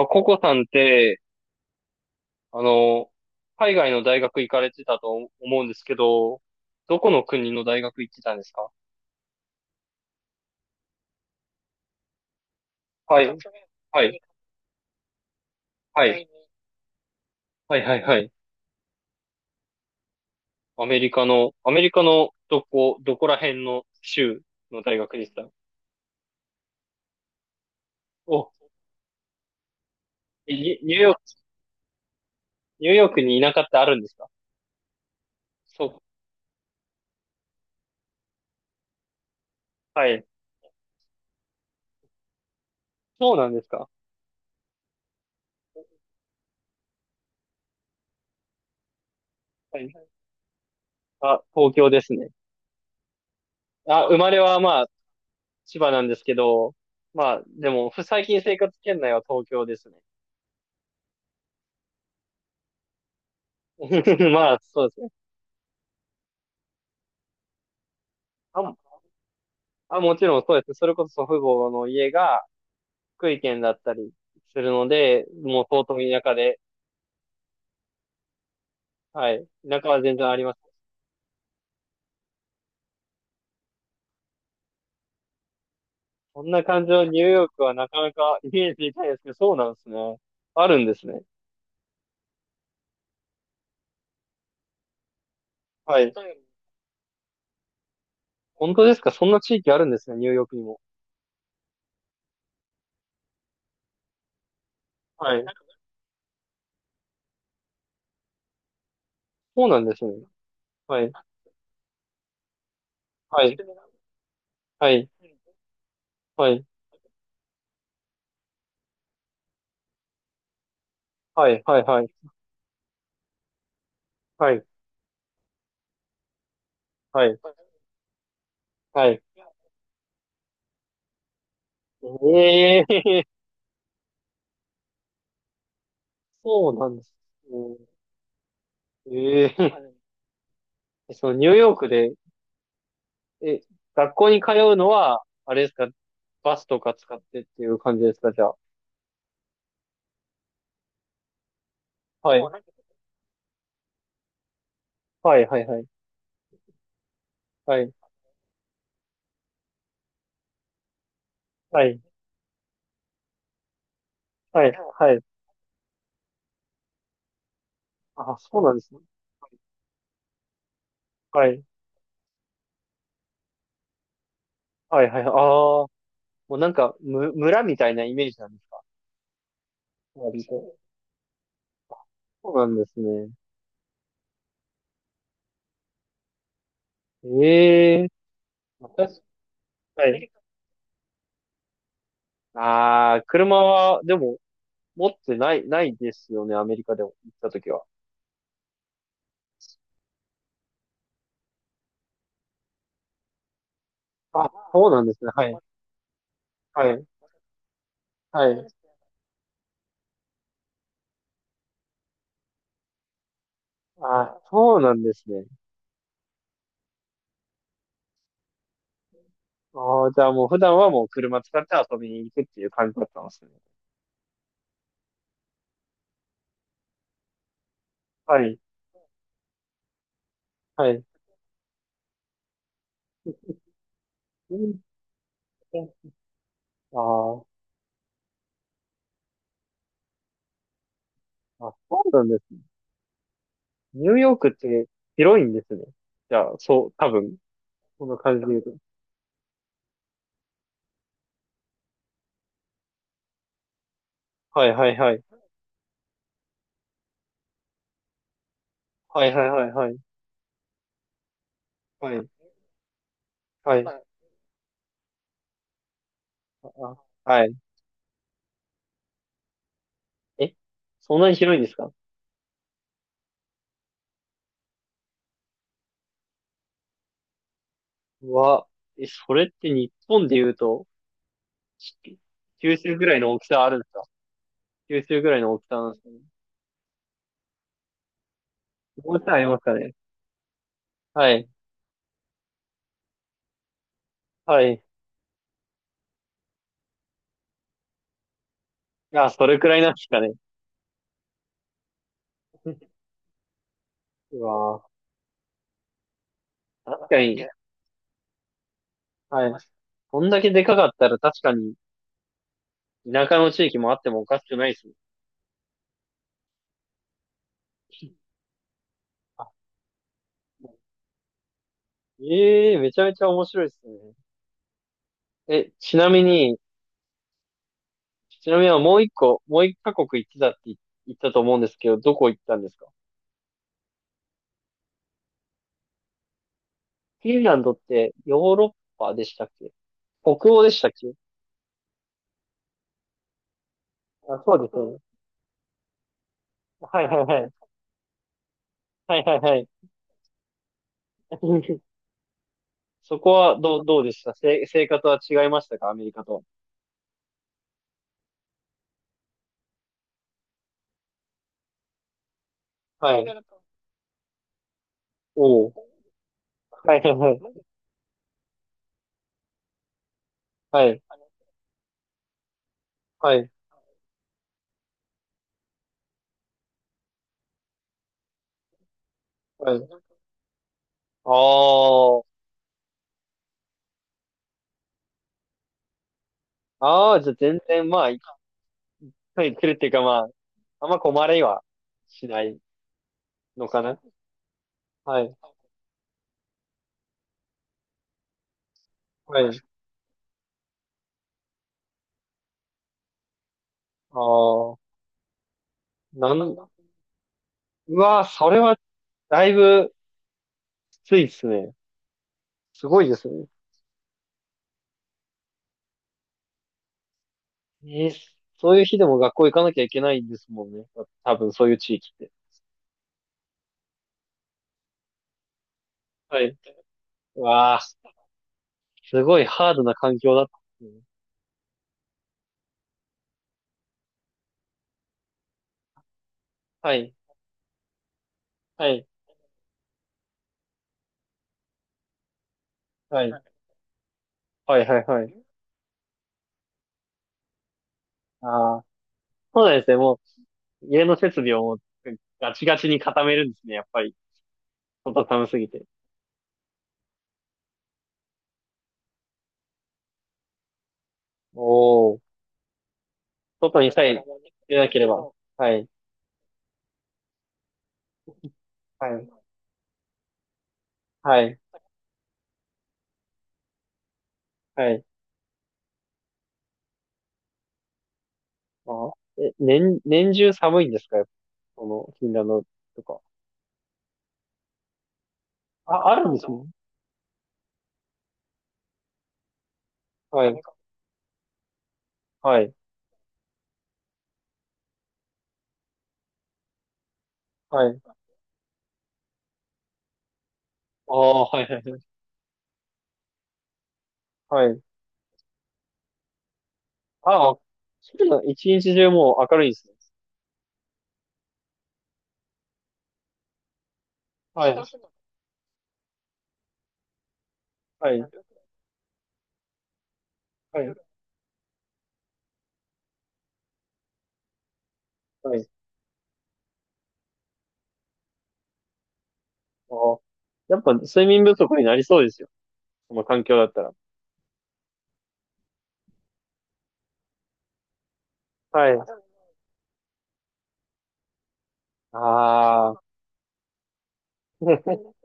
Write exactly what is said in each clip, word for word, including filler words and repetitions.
あー、ココさんって、あの、海外の大学行かれてたと思うんですけど、どこの国の大学行ってたんですか？はい。はい。はい。はい、はい、はい。アメリカの、アメリカのどこ、どこら辺の州の大学でした？お、えニュニューヨーク、ニューヨークに田舎ってあるんですか？そう、はい。そうなんですか？はい。あ、東京ですね。あ、生まれはまあ、千葉なんですけど、まあ、でも、最近生活圏内は東京ですね。まあ、そうですね。あ、あ、もちろんそうです。それこそ祖父母の家が福井県だったりするので、もう相当田舎で、はい。田舎は全然あります。こんな感じのニューヨークはなかなかイメージできないですけど、そうなんですね。あるんですね。はい。本当ですか？そんな地域あるんですね、ニューヨークにも。はい。そうなんですね。はい。はい。はい。はい。はい。はい。はい。はい。はい。はい。ええー、そうなんですね。ええー、そのニューヨークでえ、学校に通うのは、あれですか、バスとか使ってっていう感じですか、じゃあ。はい。はい、はい、はい。はい、はい、はい、はい。あ、そうなんですね。はい、はい、はい。ああ、もうなんか、む、村みたいなイメージなんですか、割と？そうなんですね。ええ、確かに。ああ、車は、でも、持ってない、ないですよね、アメリカでも行ったときは。あ、そうなんですね。はい、はい、はい。あ、そうなんですね。ああ、じゃあもう普段はもう車使って遊びに行くっていう感じだったんですね。はい、はい。あああ、そうなんですね。ニューヨークって広いんですね。じゃあ、そう、多分、この感じで言うと。はいはいはい。はいはいはいはい。はい。はい。いあ、あはい。え、そんなに広いんですか？うわ、え、それって日本で言うと、し九州ぐらいの大きさあるんですか？九州ぐらいの大きさなんですかね。もうちょいありますかね。はい。はい。あ、それくらいなんですかね。うわー、確かに、はい。こんだけでかかったら確かに田舎の地域もあってもおかしくないですね。あ、ええー、めちゃめちゃ面白いですね。え、ちなみに、ちなみにもう一個、もう一カ国行ってたって言ったと思うんですけど、どこ行ったんですか？フィンランドってヨーロッパでしたっけ？北欧でしたっけ？あ、そうですよね。はいはいはい。はいはいはい。そこはどう、どうでしたせ、生活は違いましたか、アメリカと？はい。おお。はいはいはい。はい。はい。はい。ああ、ああ、じゃあ全然、まあ、一回来るっていうかまあ、あんま困れはしないのかな。はい。はい。ああ、なんだ。うわー、それはだいぶきついですね。すごいですね。えーそういう日でも学校行かなきゃいけないんですもんね。多分そういう地域って。はい。うわあ、すごいハードな環境だったですね。はい。はい。はい。はいはいはい。ああ、そうなんですね。もう、家の設備をもうガチガチに固めるんですね、やっぱり。外寒すぎて。おー。外にさえ出なければ。はい。はい。はい。はい。あ、え、年、年中寒いんですか、やっぱ？その、フィンランドとか。あ、あるんですもん。はい。はい。はい。ああ、はいはいはい。はい。ああ、そうなの。一日中もう明るいですね。はい。はい。はい。はい。ああ。やっぱ睡眠不足になりそうですよ。この環境だったら。はい。ああ。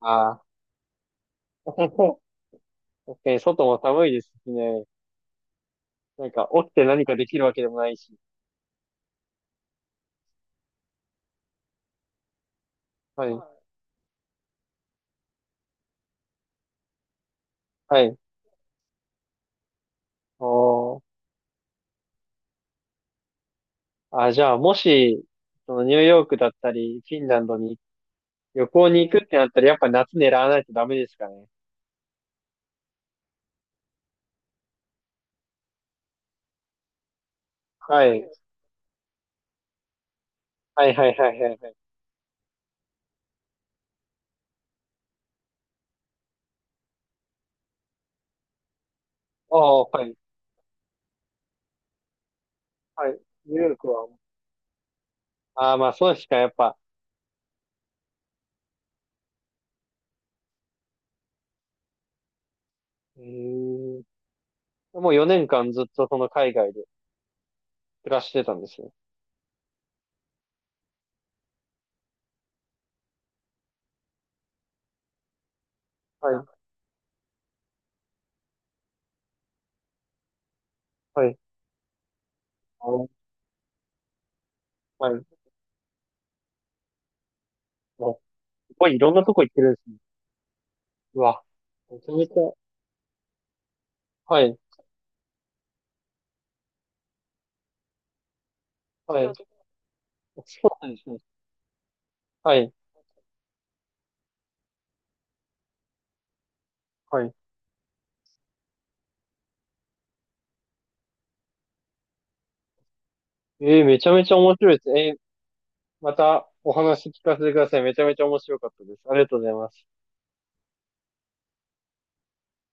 ああ。確かに外も寒いですしね。なんか、起きて何かできるわけでもないし。はい。はい。おー。あ、じゃあ、もし、そのニューヨークだったり、フィンランドに旅行に行くってなったら、やっぱ夏狙わないとダメですかね。はい。はいはいはいはいはい。おー、はい。はい。ニューヨークは、ああ、まあ、そうですか、やっぱ。うーん。もうよねんかんずっとその海外で暮らしてたんですね。はい。はい。おー、はい。もう、すごいいろんなとこ行ってるんですね。うわ。めちゃめちゃ。はい。はい。そうなんですね。はい。はい。えー、めちゃめちゃ面白いです。えー、またお話聞かせてください。めちゃめちゃ面白かったです。ありがとうございます。